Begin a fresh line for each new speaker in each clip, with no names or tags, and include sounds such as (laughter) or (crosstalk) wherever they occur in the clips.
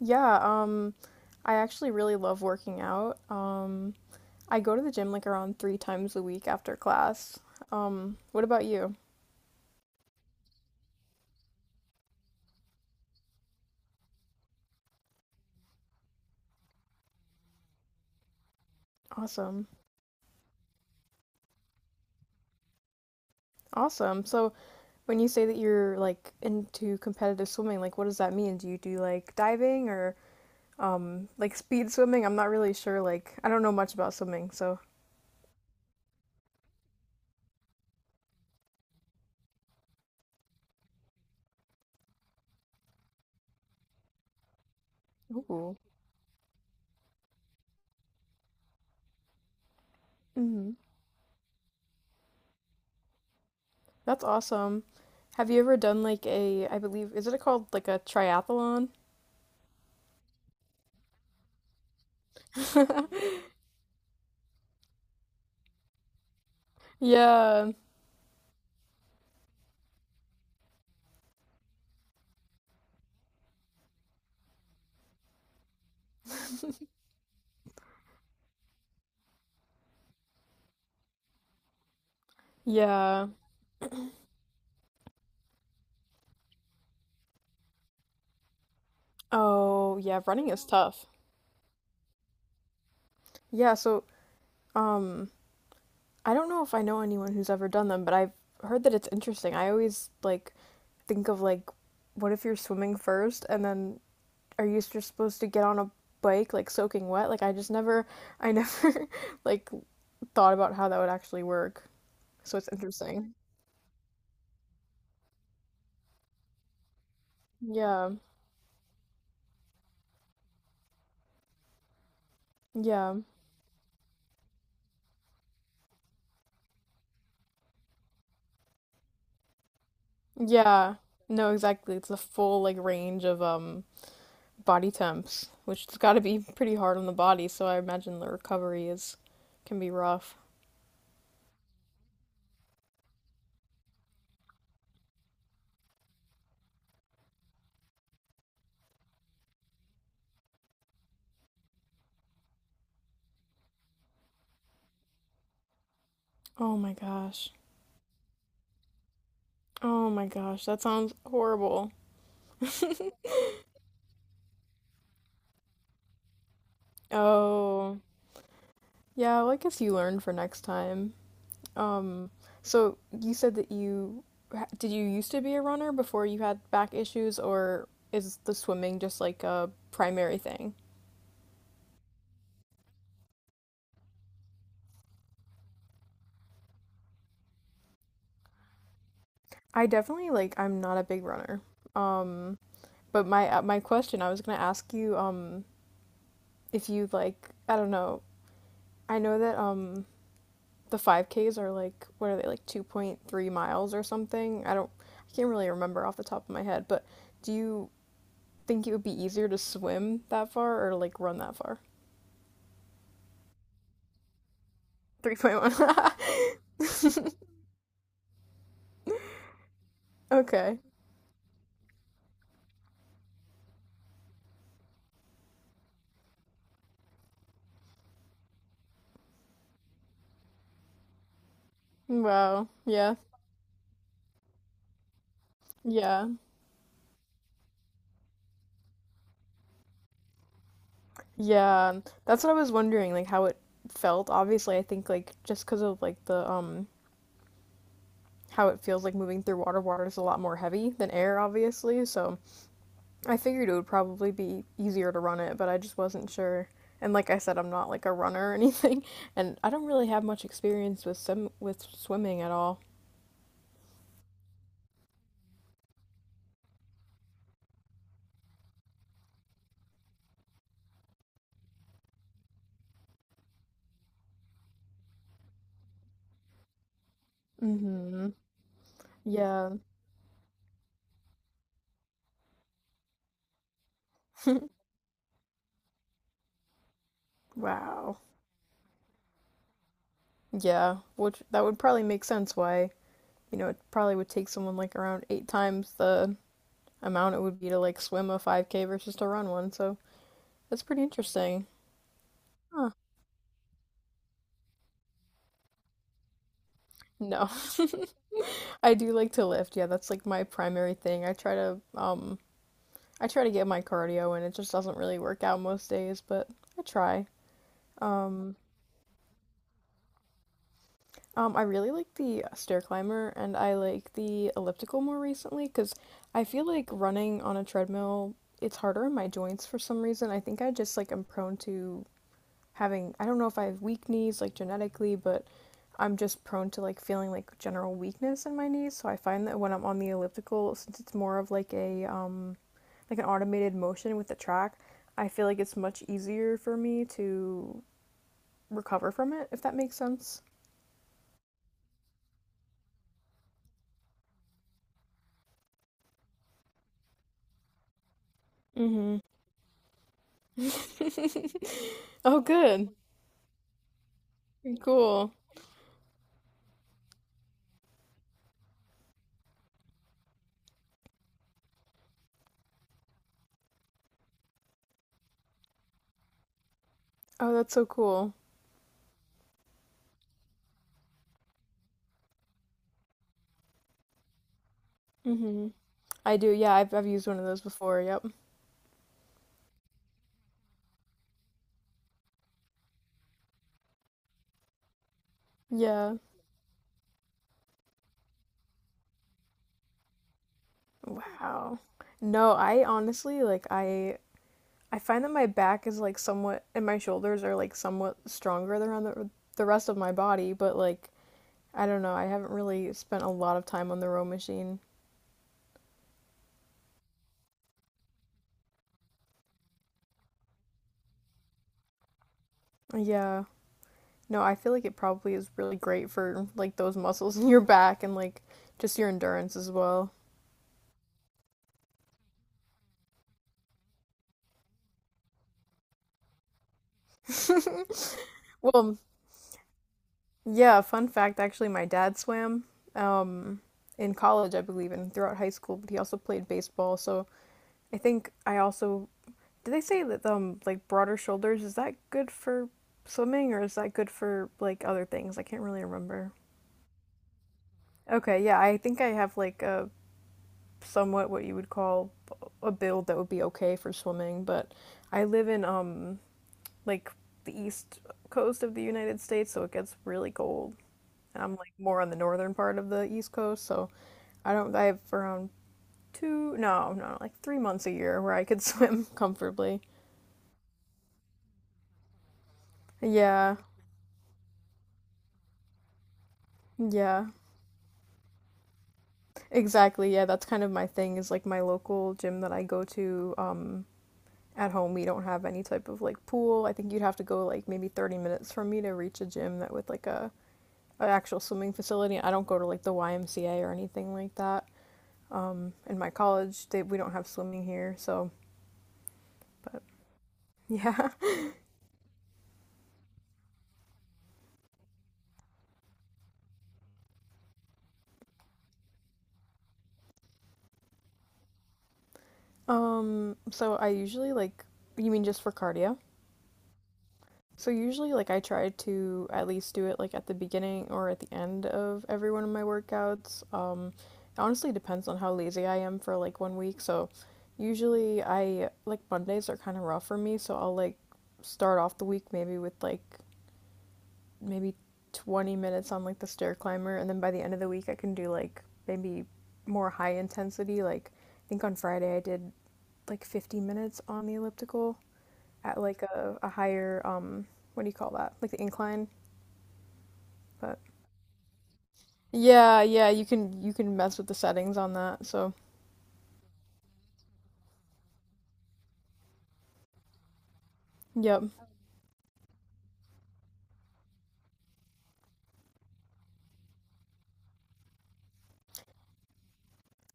Yeah, um, I actually really love working out. I go to the gym like around three times a week after class. What about you? Awesome. Awesome. So when you say that you're like into competitive swimming, like what does that mean? Do you do like diving or like speed swimming? I'm not really sure. Like I don't know much about swimming, so. Ooh. Hmm. That's awesome. Have you ever done like a, I believe, is it called like a triathlon? (laughs) Yeah. Yeah. Oh, yeah, running is tough. Yeah, so um I don't know if I know anyone who's ever done them, but I've heard that it's interesting. I always like think of like what if you're swimming first and then are you just supposed to get on a bike like soaking wet? Like I just never I never (laughs) like thought about how that would actually work. So it's interesting. Yeah. Yeah. Yeah. No, exactly. It's the full like range of body temps, which has got to be pretty hard on the body. So I imagine the recovery is can be rough. Oh my gosh. Oh my gosh. That sounds horrible. Oh. Yeah, well, I guess you learn for next time. Um, so you said that you did you used to be a runner before you had back issues, or is the swimming just like a primary thing? I definitely like I'm not a big runner. Um, but my my question I was gonna ask you if you like I don't know I know that the 5Ks are like what are they like 2.3 miles or something? I don't I can't really remember off the top of my head, but do you think it would be easier to swim that far or like run that far? 3.1. (laughs) Okay. Wow. Yeah. Yeah. Yeah. That's what I was wondering like how it felt. Obviously, I think like just cuz of like the how it feels like moving through water, water is a lot more heavy than air obviously, so I figured it would probably be easier to run it, but I just wasn't sure. And like I said, I'm not like a runner or (laughs) anything, and I don't really have much experience with swim with swimming at all. Hmm. Yeah. (laughs) Wow. Yeah, which that would probably make sense why, you know, it probably would take someone like around 8 times the amount it would be to like swim a 5K versus to run one. So that's pretty interesting. Huh. No. (laughs) I do like to lift. Yeah, that's like my primary thing. I try to get my cardio and it just doesn't really work out most days, but I try. Um, I really like the stair climber and I like the elliptical more recently because I feel like running on a treadmill, it's harder on my joints for some reason. I think I just like am prone to having I don't know if I have weak knees like genetically, but I'm just prone to like feeling like general weakness in my knees. So I find that when I'm on the elliptical, since it's more of like a like an automated motion with the track, I feel like it's much easier for me to recover from it, if that makes sense. Mm-hmm. (laughs) Oh, good. Cool. Oh, that's so cool. Mm-hmm. I do. Yeah, I've used one of those before. Yep. Yeah. Wow. No, I honestly like I find that my back is like somewhat and my shoulders are like somewhat stronger than on the rest of my body, but like I don't know, I haven't really spent a lot of time on the row machine. Yeah. No, I feel like it probably is really great for like those muscles (laughs) in your back and like just your endurance as well. Well, yeah, fun fact actually my dad swam um in college, I believe, and throughout high school, but he also played baseball, so I think I also do they say that like broader shoulders is that good for swimming or is that good for like other things? I can't really remember. Okay, yeah, I think I have like a somewhat what you would call a build that would be okay for swimming, but I live in like the east coast of the United States, so it gets really cold. And I'm like more on the northern part of the east coast, so I don't I have around two no, no, like 3 months a year where I could swim (laughs) comfortably. Yeah. Yeah. Exactly. Yeah, that's kind of my thing is like my local gym that I go to at home, we don't have any type of like pool. I think you'd have to go like maybe 30 minutes for me to reach a gym that with like a an actual swimming facility. I don't go to like the YMCA or anything like that. Um, in my college, they we don't have swimming here, so but yeah. (laughs) So I usually like you mean just for cardio? So usually like I try to at least do it like at the beginning or at the end of every one of my workouts. It honestly depends on how lazy I am for like 1 week. So usually I like Mondays are kind of rough for me, so I'll like start off the week maybe with like maybe 20 minutes on like the stair climber and then by the end of the week I can do like maybe more high intensity like I think on Friday I did like 50 minutes on the elliptical at like a higher what do you call that? Like the incline. But yeah, yeah, you can mess with the settings on that. So, yep.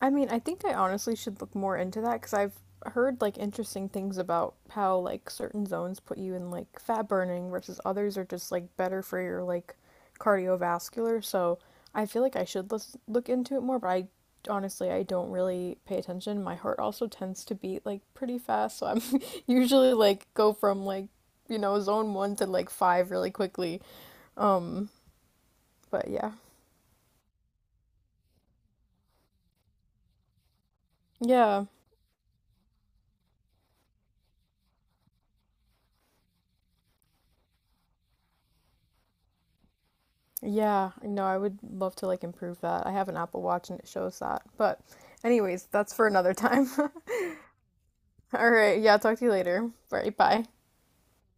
I mean, I think I honestly should look more into that because I've heard like interesting things about how like certain zones put you in like fat burning versus others are just like better for your like cardiovascular. So I feel like I should look into it more, but I honestly I don't really pay attention. My heart also tends to beat like pretty fast, so I'm (laughs) usually like go from like you know zone 1 to like five really quickly. Um, but yeah, yeah. Yeah, no, I would love to like improve that. I have an Apple Watch and it shows that. But anyways, that's for another time. (laughs) All right, yeah, talk to you later. All right, bye.